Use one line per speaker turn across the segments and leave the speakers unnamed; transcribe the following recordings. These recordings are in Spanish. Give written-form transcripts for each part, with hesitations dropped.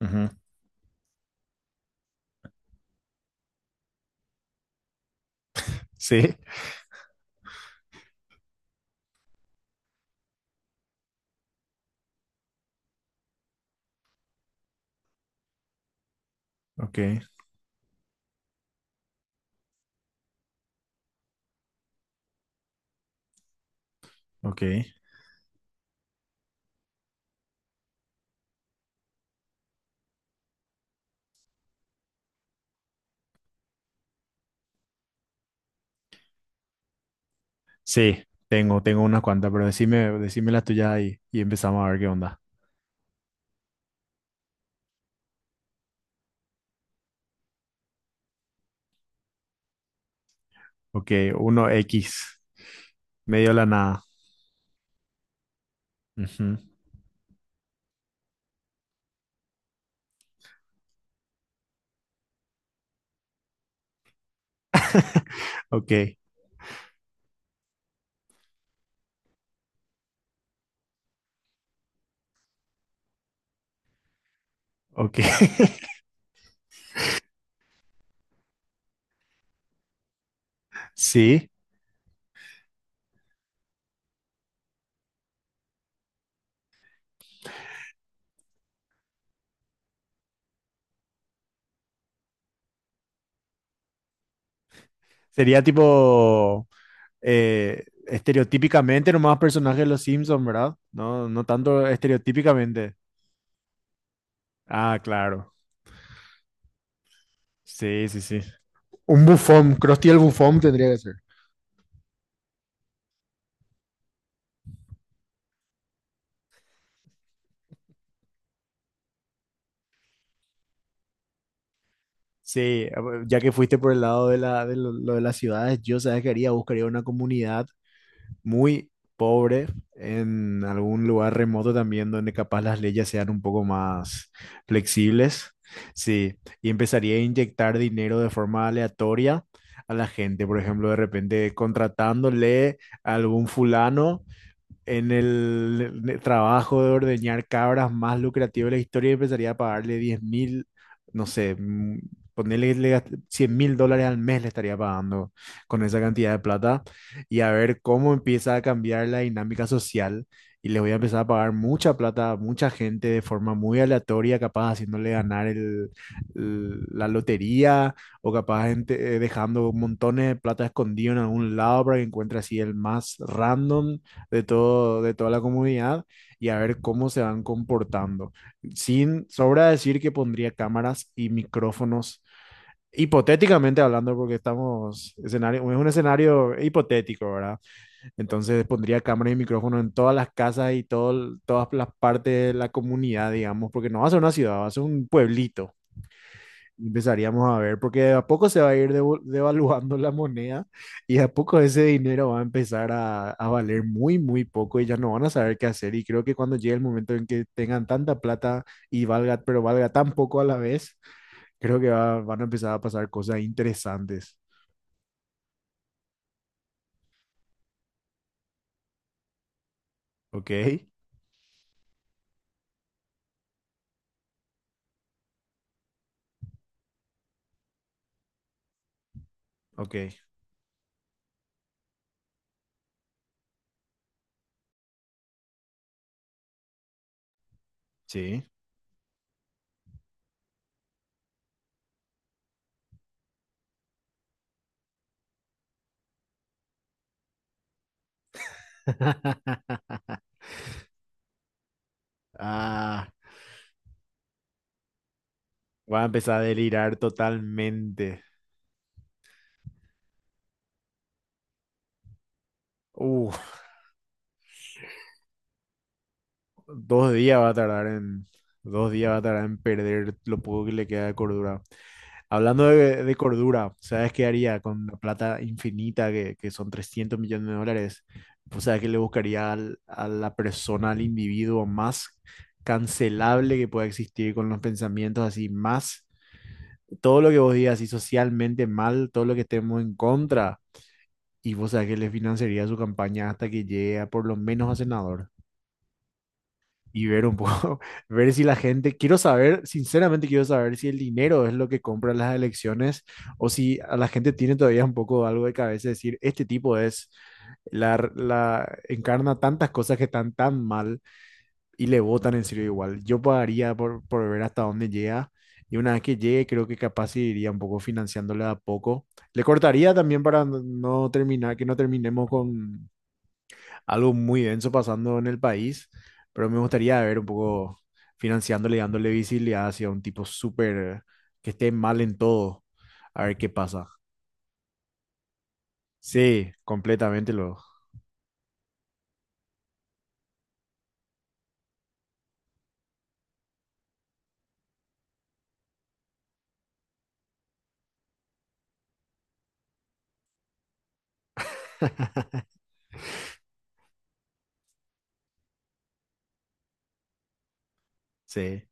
Ujú. Sí, ok, ok. Sí, tengo unas cuantas, pero decime las tuyas y empezamos a ver qué onda. Ok, uno x medio de la nada. Ujú. Ok, ok. Sí, sería tipo estereotípicamente nomás personajes de los Simpsons, ¿verdad? No, no tanto estereotípicamente. Ah, claro. Sí, sí, sí. Un bufón, Krusty el bufón tendría que ser. Sí, a ver, ya que fuiste por el lado de la, de lo de las ciudades, yo sabes que haría, buscaría una comunidad muy pobre en algún lugar remoto también donde capaz las leyes sean un poco más flexibles. Sí, y empezaría a inyectar dinero de forma aleatoria a la gente, por ejemplo, de repente contratándole a algún fulano en el trabajo de ordeñar cabras más lucrativo de la historia, empezaría a pagarle 10.000, no sé, ponerle 100 mil dólares al mes le estaría pagando con esa cantidad de plata y a ver cómo empieza a cambiar la dinámica social. Y les voy a empezar a pagar mucha plata a mucha gente de forma muy aleatoria, capaz haciéndole ganar la lotería o capaz dejando montones de plata escondido en algún lado para que encuentre así el más random de toda la comunidad y a ver cómo se van comportando. Sin sobra decir que pondría cámaras y micrófonos, hipotéticamente hablando, porque es un escenario hipotético, ¿verdad? Entonces pondría cámaras y micrófonos en todas las casas y todas las partes de la comunidad, digamos, porque no va a ser una ciudad, va a ser un pueblito y empezaríamos a ver, porque de a poco se va a ir devaluando la moneda y de a poco ese dinero va a empezar a valer muy, muy poco y ya no van a saber qué hacer. Y creo que cuando llegue el momento en que tengan tanta plata y valga, pero valga tan poco a la vez, creo que van a empezar a pasar cosas interesantes. ¿Ok? Ok, sí. Ah, va a empezar a delirar totalmente. Uf, 2 días va a tardar en, 2 días va a tardar en perder lo poco que le queda de cordura. Hablando de cordura, ¿sabes qué haría con la plata infinita que son 300 millones de dólares? O sea, que le buscaría a la persona, al individuo más cancelable que pueda existir con los pensamientos así, más todo lo que vos digas, así socialmente mal, todo lo que estemos en contra. Y vos sabés que le financiaría su campaña hasta que llegue a por lo menos a senador y ver un poco, ver si la gente, sinceramente quiero saber si el dinero es lo que compra las elecciones o si a la gente tiene todavía un poco algo de cabeza de decir, este tipo es, la encarna tantas cosas que están tan mal y le votan en serio igual. Yo pagaría por ver hasta dónde llega. Y una vez que llegue, creo que capaz sí iría un poco financiándole a poco. Le cortaría también para no terminar, que no terminemos con algo muy denso pasando en el país, pero me gustaría ver un poco financiándole, dándole visibilidad hacia un tipo súper que esté mal en todo, a ver qué pasa. Sí, completamente lo. Sí,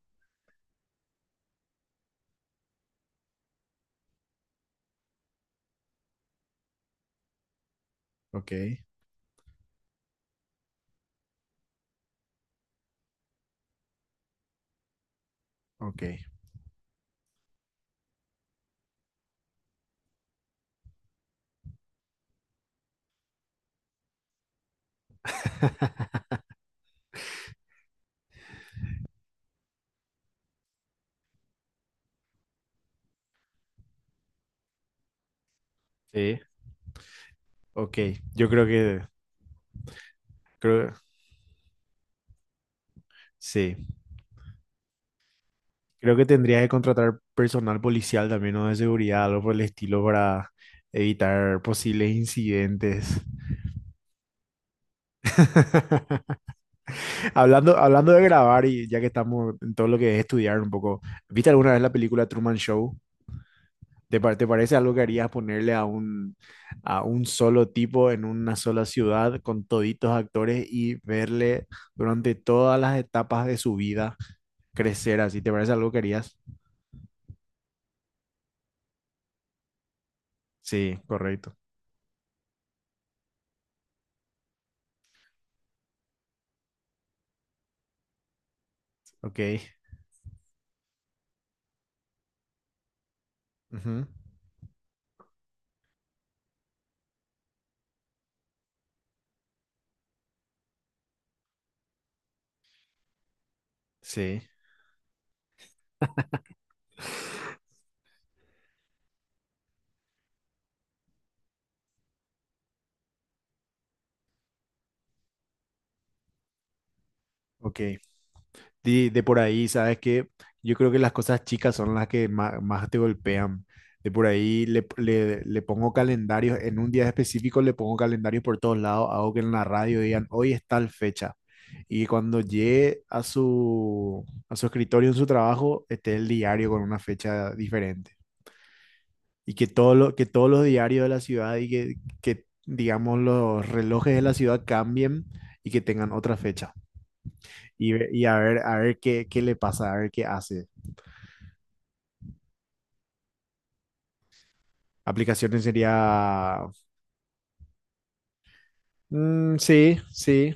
ok, ok. Sí, ok. Yo creo que, creo, sí, creo que tendría que contratar personal policial también o de seguridad, algo por el estilo para evitar posibles incidentes. Hablando de grabar y ya que estamos en todo lo que es estudiar un poco, ¿viste alguna vez la película Truman Show? ¿Te parece algo que harías ponerle a un solo tipo en una sola ciudad con toditos actores y verle durante todas las etapas de su vida crecer así? ¿Te parece algo que harías? Sí, correcto. Ok. Ujú. Sí, ok. De por ahí, ¿sabes que yo creo que las cosas chicas son las que más, más te golpean. De por ahí le pongo calendarios, en un día específico le pongo calendarios por todos lados, hago que en la radio digan, hoy es tal fecha. Y cuando llegue a su escritorio en su trabajo, esté el diario con una fecha diferente. Y que todos los diarios de la ciudad y digamos, los relojes de la ciudad cambien y que tengan otra fecha y a ver qué le pasa, a ver qué hace. Aplicaciones sería. Mm, sí, sí,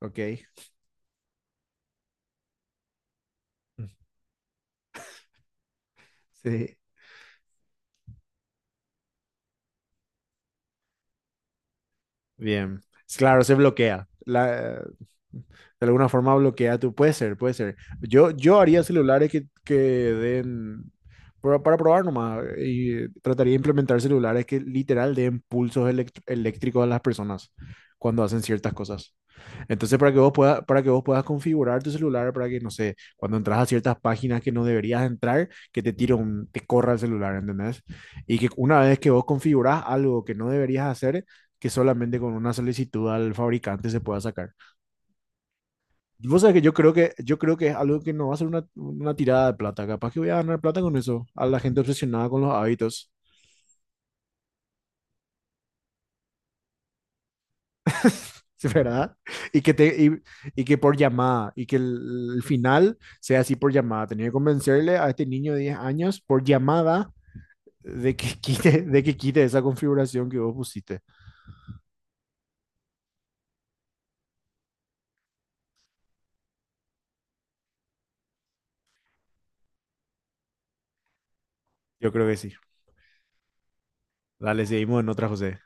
ok, sí. Bien. Es claro, se bloquea. De alguna forma bloquea tu. Puede ser, puede ser. Yo haría celulares que den. Para probar nomás. Y trataría de implementar celulares que literal den pulsos eléctricos a las personas cuando hacen ciertas cosas. Entonces, para que vos puedas configurar tu celular, para que, no sé, cuando entras a ciertas páginas que no deberías entrar, que te tire un, te corra el celular, ¿entendés? Y que una vez que vos configurás algo que no deberías hacer, que solamente con una solicitud al fabricante se pueda sacar. Vos sabés que yo creo que es algo que no va a ser una tirada de plata. Capaz que voy a ganar plata con eso, a la gente obsesionada con los hábitos. ¿sí, verdad? Y que, te, y, y que por llamada, y que final sea así por llamada. Tenía que convencerle a este niño de 10 años por llamada de que quite, de que quite esa configuración que vos pusiste. Yo creo que sí. Dale, seguimos en otra, José.